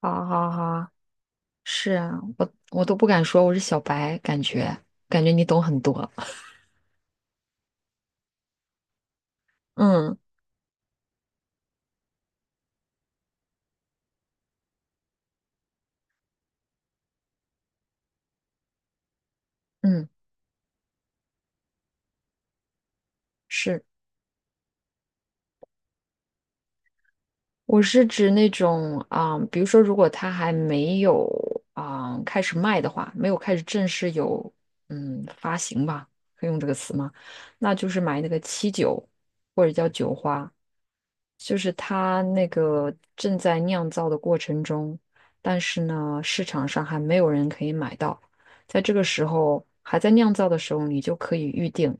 好好好，是啊，我都不敢说我是小白，感觉你懂很多。嗯嗯，是，我是指那种啊、比如说，如果他还没有啊、开始卖的话，没有开始正式有发行吧，可以用这个词吗？那就是买那个七九或者叫九花，就是它那个正在酿造的过程中，但是呢，市场上还没有人可以买到。在这个时候，还在酿造的时候，你就可以预定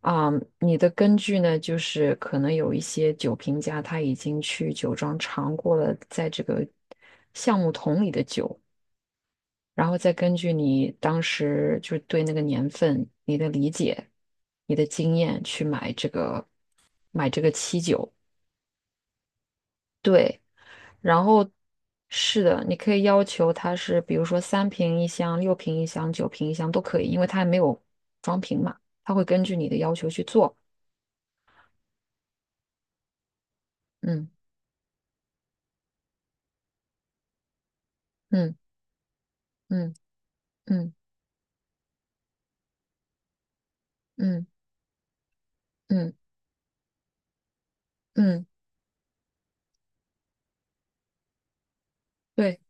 啊、你的根据呢，就是可能有一些酒评家他已经去酒庄尝过了在这个橡木桶里的酒，然后再根据你当时就是对那个年份、你的理解、你的经验去买这个期酒。对，然后是的，你可以要求它是，比如说三瓶一箱、六瓶一箱、九瓶一箱都可以，因为它还没有装瓶嘛，它会根据你的要求去做。嗯嗯嗯嗯嗯嗯嗯，对，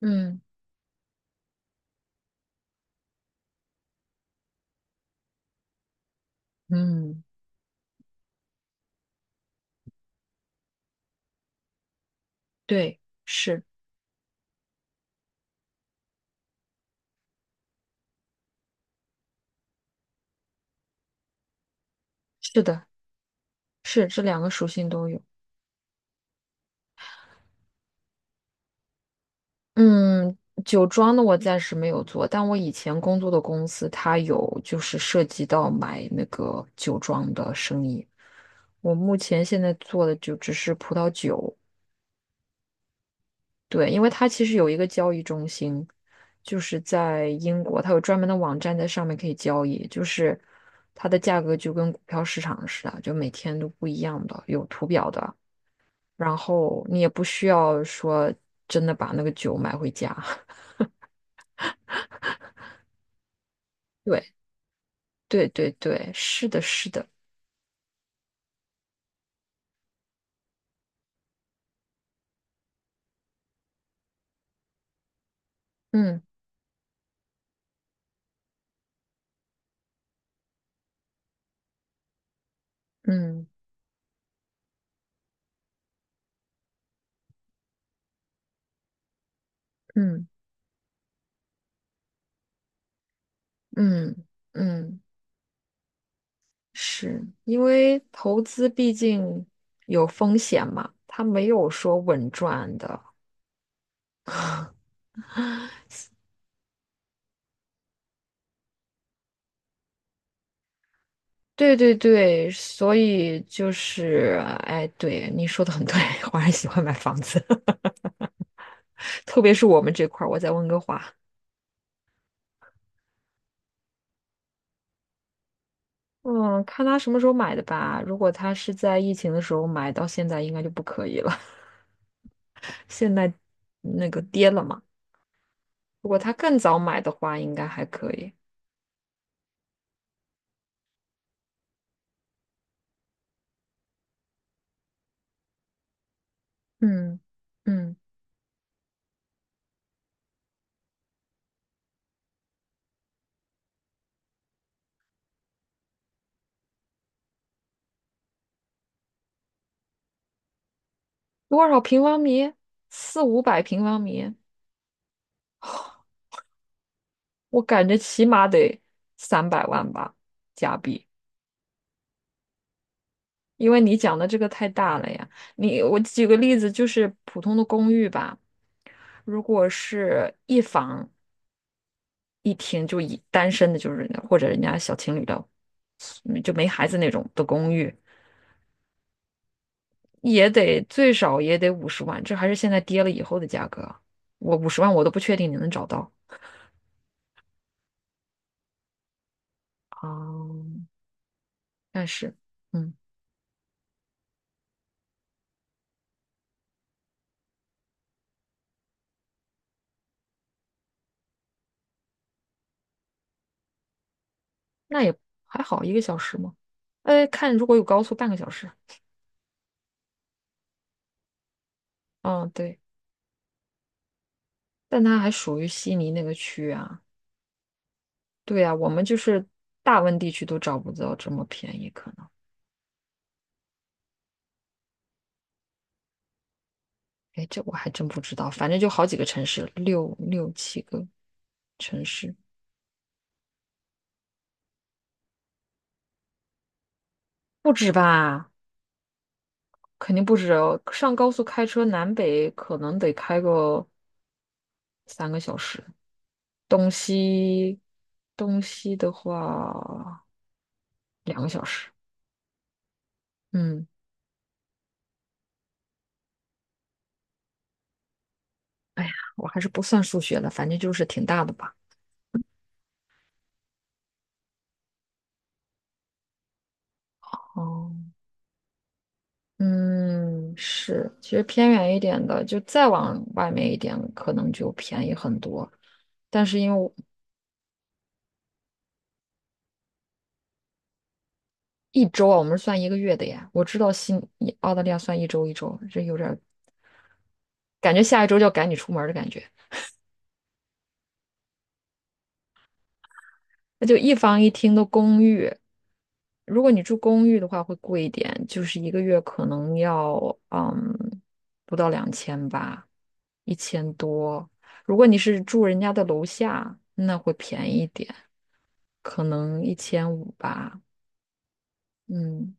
嗯嗯，对，是是的，是这两个属性都有。嗯，酒庄的我暂时没有做，但我以前工作的公司它有就是涉及到买那个酒庄的生意。我目前现在做的就只是葡萄酒，对，因为它其实有一个交易中心，就是在英国，它有专门的网站在上面可以交易，就是它的价格就跟股票市场似的，就每天都不一样的，有图表的，然后你也不需要说真的把那个酒买回家。对，对对对，是的，是的，嗯嗯嗯嗯嗯，是因为投资毕竟有风险嘛，它没有说稳赚的。对对对，所以就是，哎，对，你说的很对，华人喜欢买房子，特别是我们这块儿，我在温哥华。嗯，看他什么时候买的吧。如果他是在疫情的时候买，到现在应该就不可以了。现在那个跌了嘛。如果他更早买的话，应该还可以。嗯嗯，多少平方米？四五百平方米，我感觉起码得300万吧，加币。因为你讲的这个太大了呀。你我举个例子，就是普通的公寓吧，如果是一房一厅，就以单身的，就是或者人家小情侣的，就没孩子那种的公寓，也得最少也得五十万，这还是现在跌了以后的价格。我五十万我都不确定你能找到。哦，但是，嗯，那也还好，一个小时嘛。哎，看如果有高速，半个小时。嗯，对，但它还属于悉尼那个区啊。对呀，我们就是大温地区都找不到这么便宜，可能。哎，这我还真不知道，反正就好几个城市，六七个城市，不止吧？肯定不止哦。上高速开车南北可能得开个3个小时，东西东西的话2个小时。嗯，哎呀，我还是不算数学了，反正就是挺大的吧。哦，嗯，是，其实偏远一点的，就再往外面一点，可能就便宜很多。但是因为我一周啊，我们是算一个月的呀，我知道新澳大利亚算一周一周，这有点儿感觉下一周就要赶你出门儿的感觉。那就一房一厅的公寓，如果你住公寓的话，会贵一点，就是一个月可能要嗯不到2000吧，1000多。如果你是住人家的楼下，那会便宜一点，可能1500吧。嗯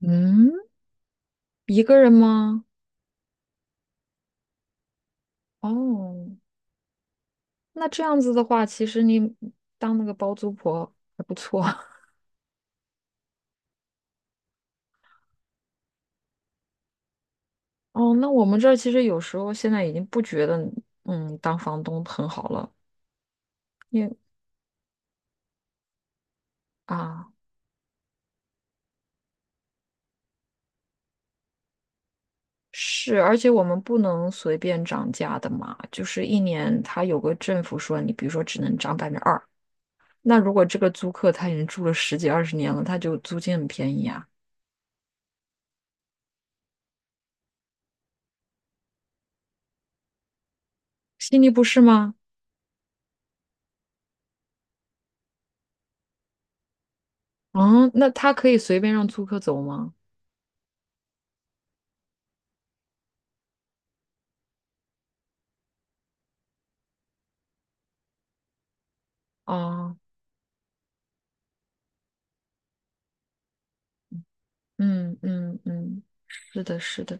嗯，一个人吗？哦，那这样子的话，其实你当那个包租婆还不错。哦，那我们这儿其实有时候现在已经不觉得当房东很好了，因为啊。是，而且我们不能随便涨价的嘛，就是一年它有个政府说你，比如说只能涨2%，那如果这个租客他已经住了十几二十年了，他就租金很便宜啊，悉尼不是吗？嗯，那他可以随便让租客走吗？啊，嗯嗯嗯，是的，是的，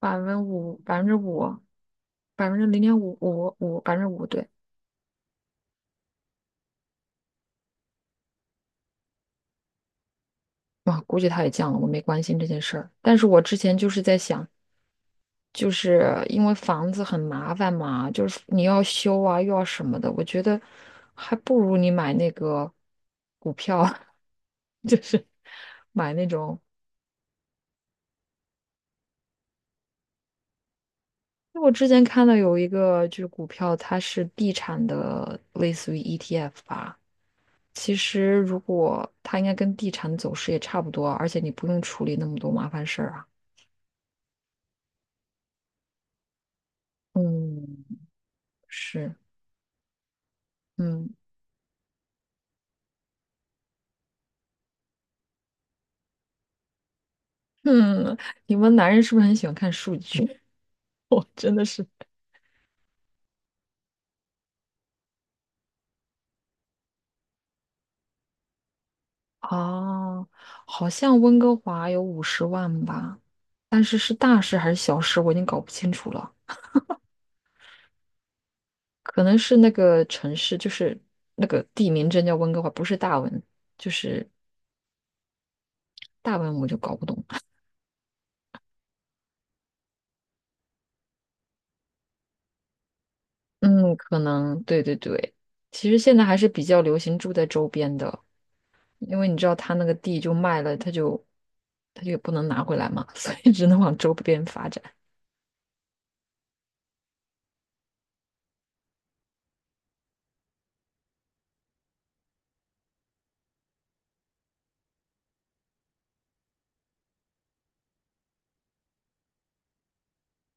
百分之五，百分之五，0.555%，百分之五，对。哇，估计他也降了，我没关心这件事儿。但是我之前就是在想，就是因为房子很麻烦嘛，就是你要修啊，又要什么的，我觉得还不如你买那个股票，就是买那种。因为我之前看到有一个就是股票，它是地产的，类似于 ETF 吧。其实如果它应该跟地产走势也差不多啊，而且你不用处理那么多麻烦事儿啊。嗯，是，嗯嗯，你们男人是不是很喜欢看数据？我真的是。哦，好像温哥华有五十万吧，但是是大事还是小事，我已经搞不清楚了。可能是那个城市，就是那个地名真叫温哥华，不是大文，大文我就搞不懂。嗯，可能对对对。其实现在还是比较流行住在周边的，因为你知道他那个地就卖了，他就也不能拿回来嘛，所以只能往周边发展。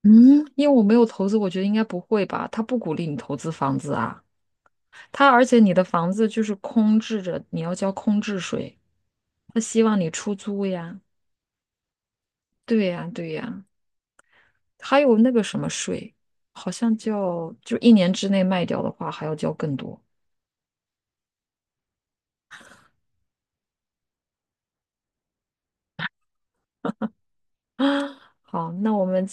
嗯，因为我没有投资，我觉得应该不会吧？他不鼓励你投资房子啊。他而且你的房子就是空置着，你要交空置税，他希望你出租呀。对呀，对呀，还有那个什么税，好像叫就一年之内卖掉的话，还要交更多啊。好，那我们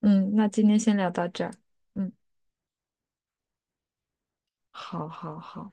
嗯，那今天先聊到这儿。嗯，好好好。嗯。